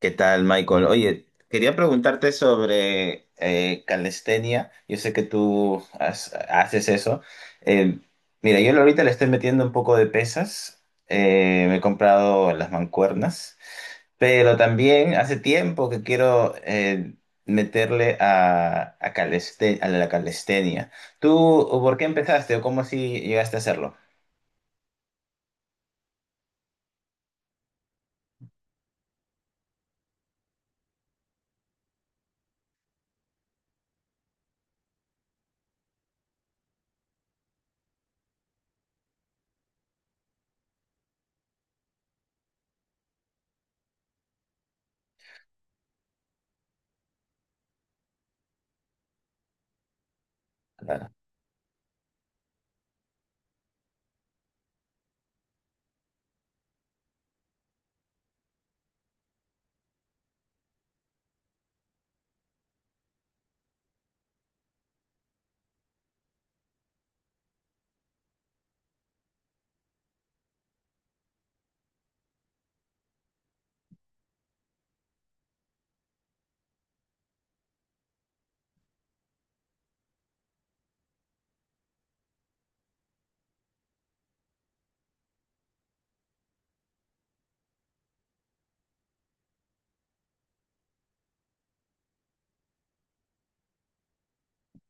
¿Qué tal, Michael? Oye, quería preguntarte sobre calistenia. Yo sé que haces eso. Eh, mira, yo ahorita le estoy metiendo un poco de pesas. Me he comprado las mancuernas, pero también hace tiempo que quiero meterle a la calistenia. ¿Tú por qué empezaste o cómo así llegaste a hacerlo? La-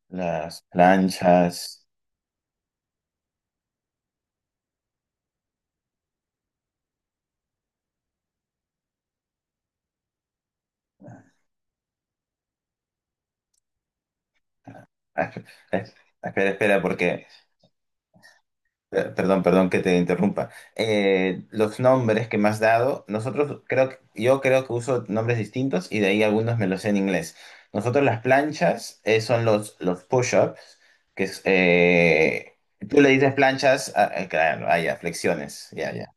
las planchas. Ah, esp- eh, Espera, espera, porque... Perdón, que te interrumpa. Los nombres que me has dado, yo creo que uso nombres distintos y de ahí algunos me los sé en inglés. Nosotros las planchas son los push-ups, que es, tú le dices planchas, claro, ah, ya, flexiones, ya, ya.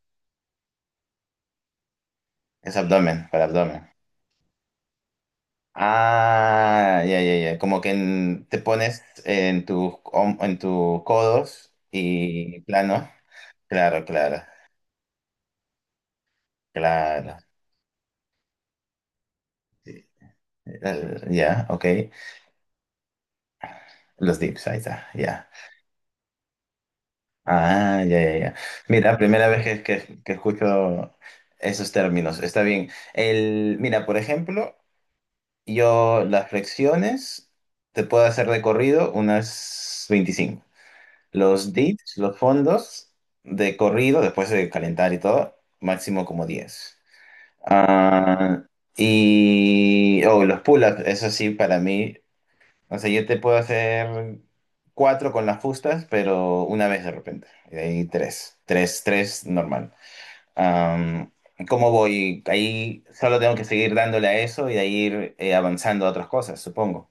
Es abdomen, para abdomen. Ah, ya, ya, ya. Como que te pones en en tus codos y plano. Claro, claro, claro. Ya, ok. Los dips, ahí está, ya. Ah, ya, ya, ya. Mira, primera vez que escucho esos términos. Está bien. El, mira, por ejemplo, yo las flexiones te puedo hacer de corrido unas 25. Los dips, los fondos de corrido, después de calentar y todo, máximo como 10. Ah, y oh, los pull-ups, eso sí, para mí. O sea, yo te puedo hacer cuatro con las fustas, pero una vez de repente. Y de ahí tres. Tres, tres, normal. Am, ¿Cómo voy? Ahí solo tengo que seguir dándole a eso y de ahí ir avanzando a otras cosas, supongo.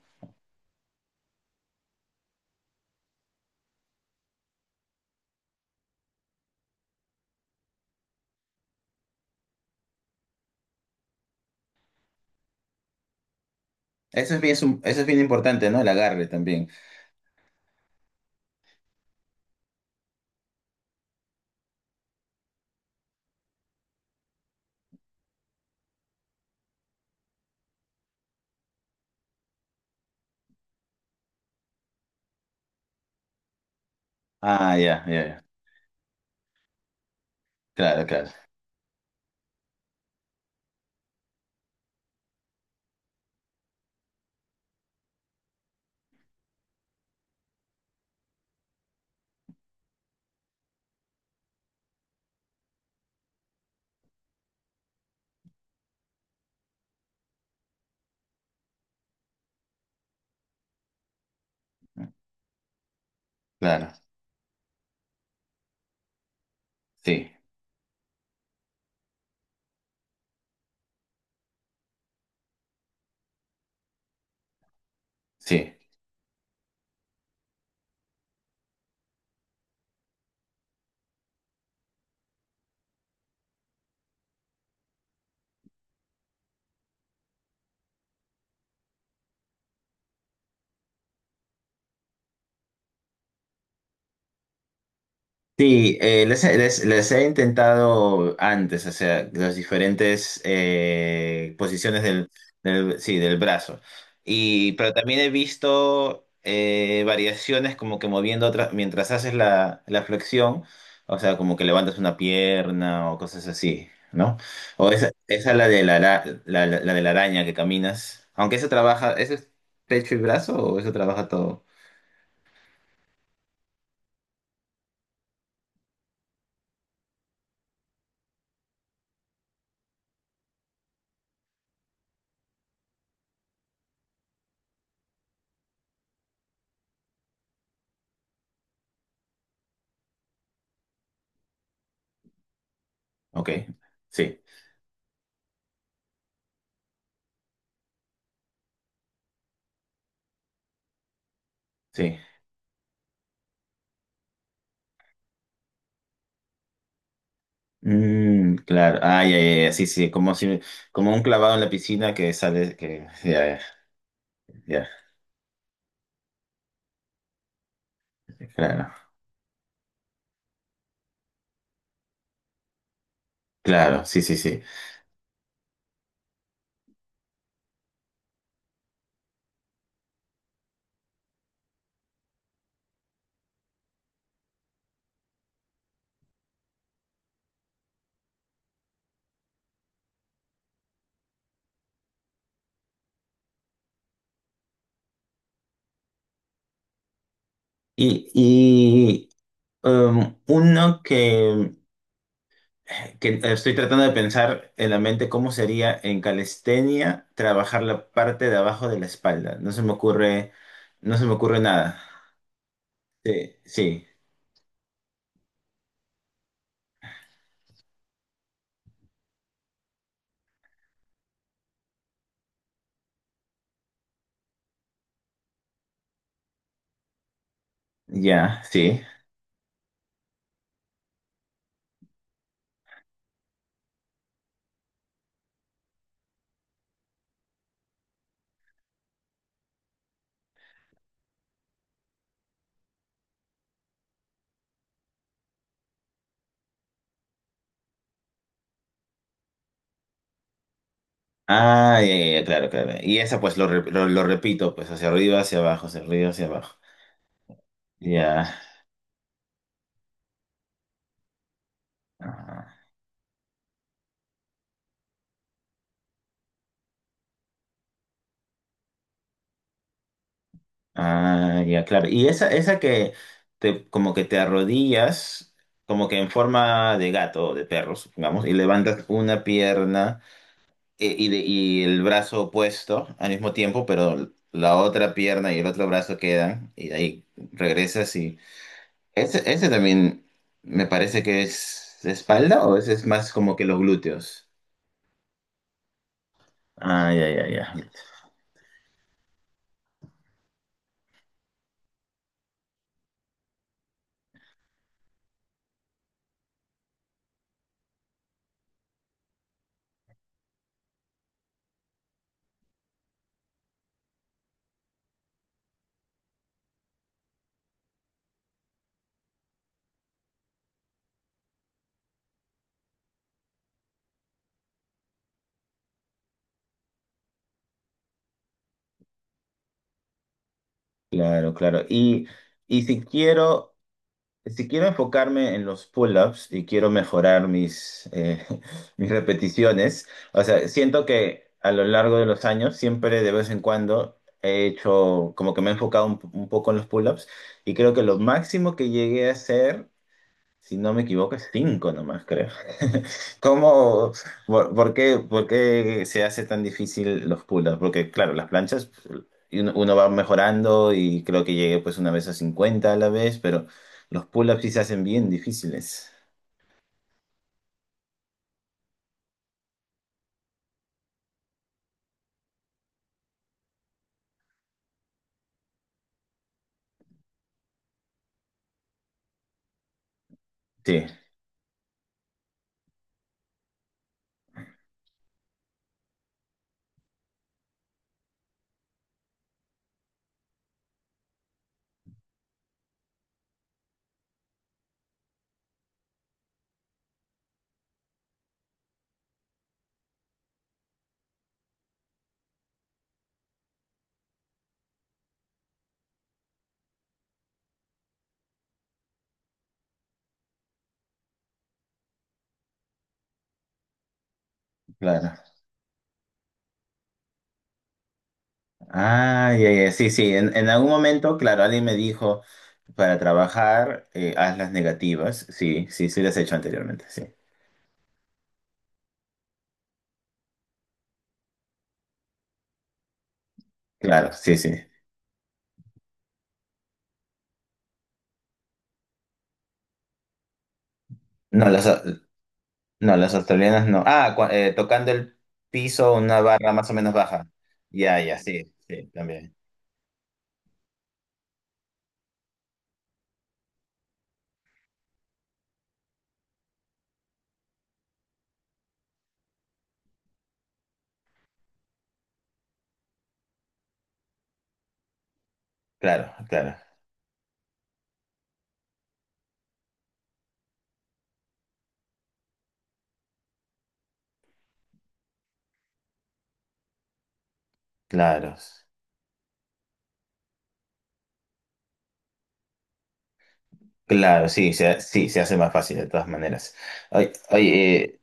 Eso es bien, eso es bien importante, ¿no? El agarre también. Ah, ya, ya, ya. Claro, claro, claro. Sí, sí. Sí, les he intentado antes, o sea, las diferentes posiciones sí, del brazo. Y, pero también he visto variaciones como que moviendo otra, mientras haces la flexión, o sea, como que levantas una pierna o cosas así, ¿no? O esa la de la de la araña que caminas. Aunque eso trabaja, ¿eso es pecho y brazo o eso trabaja todo? Ok, sí, sí. Mm, claro. Ah, ya, ya, ya, sí, sí. Como si, como un clavado en la piscina que sale, que, ya, ya, ya. Claro. Claro, sí, sí, sí. Y, y uno que estoy tratando de pensar en la mente cómo sería en calistenia trabajar la parte de abajo de la espalda. No se me ocurre, no se me ocurre nada. Sí, sí. Ya, sí. Ah, ya, ya, ya, claro, claro. Y esa pues lo repito, pues hacia arriba, hacia abajo, hacia arriba, hacia abajo. Ya. Ah, ah, ya, claro. Y esa que como que te arrodillas, como que en forma de gato o de perro, supongamos, y levantas una pierna y el brazo opuesto al mismo tiempo, pero la otra pierna y el otro brazo quedan, y de ahí regresas y... Ese también me parece que es de espalda o ese es más como que los glúteos. Ah, ya, ya, ya. Claro, claro. Y si quiero... Si quiero enfocarme en los pull-ups y quiero mejorar mis, mis repeticiones, o sea, siento que a lo largo de los años, siempre de vez en cuando he hecho, como que me he enfocado un poco en los pull-ups y creo que lo máximo que llegué a hacer, si no me equivoco, es 5 nomás, creo. ¿Cómo, por qué se hace tan difícil los pull-ups? Porque, claro, las planchas pues, y uno va mejorando y creo que llegué pues una vez a 50 a la vez, pero los pull-ups sí se hacen bien difíciles. Sí, claro. Ah, ya, ya, sí, sí. En algún momento, claro, alguien me dijo, para trabajar, haz las negativas. Sí, sí, sí las he hecho anteriormente, sí. Claro, sí, sí. No, las, No, las australianas no. Ah, tocando el piso, una barra más o menos baja. Ya, ya, sí, sí, también. Claro, claro, claro. Claro, sí, se hace más fácil de todas maneras. Oye, oye,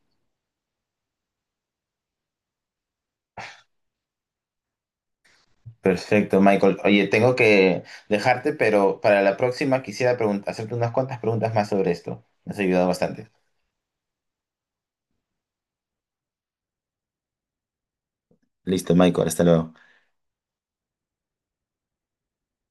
perfecto, Michael. Oye, tengo que dejarte, pero para la próxima quisiera hacerte unas cuantas preguntas más sobre esto. Me has ayudado bastante. Listo, Michael, hasta luego.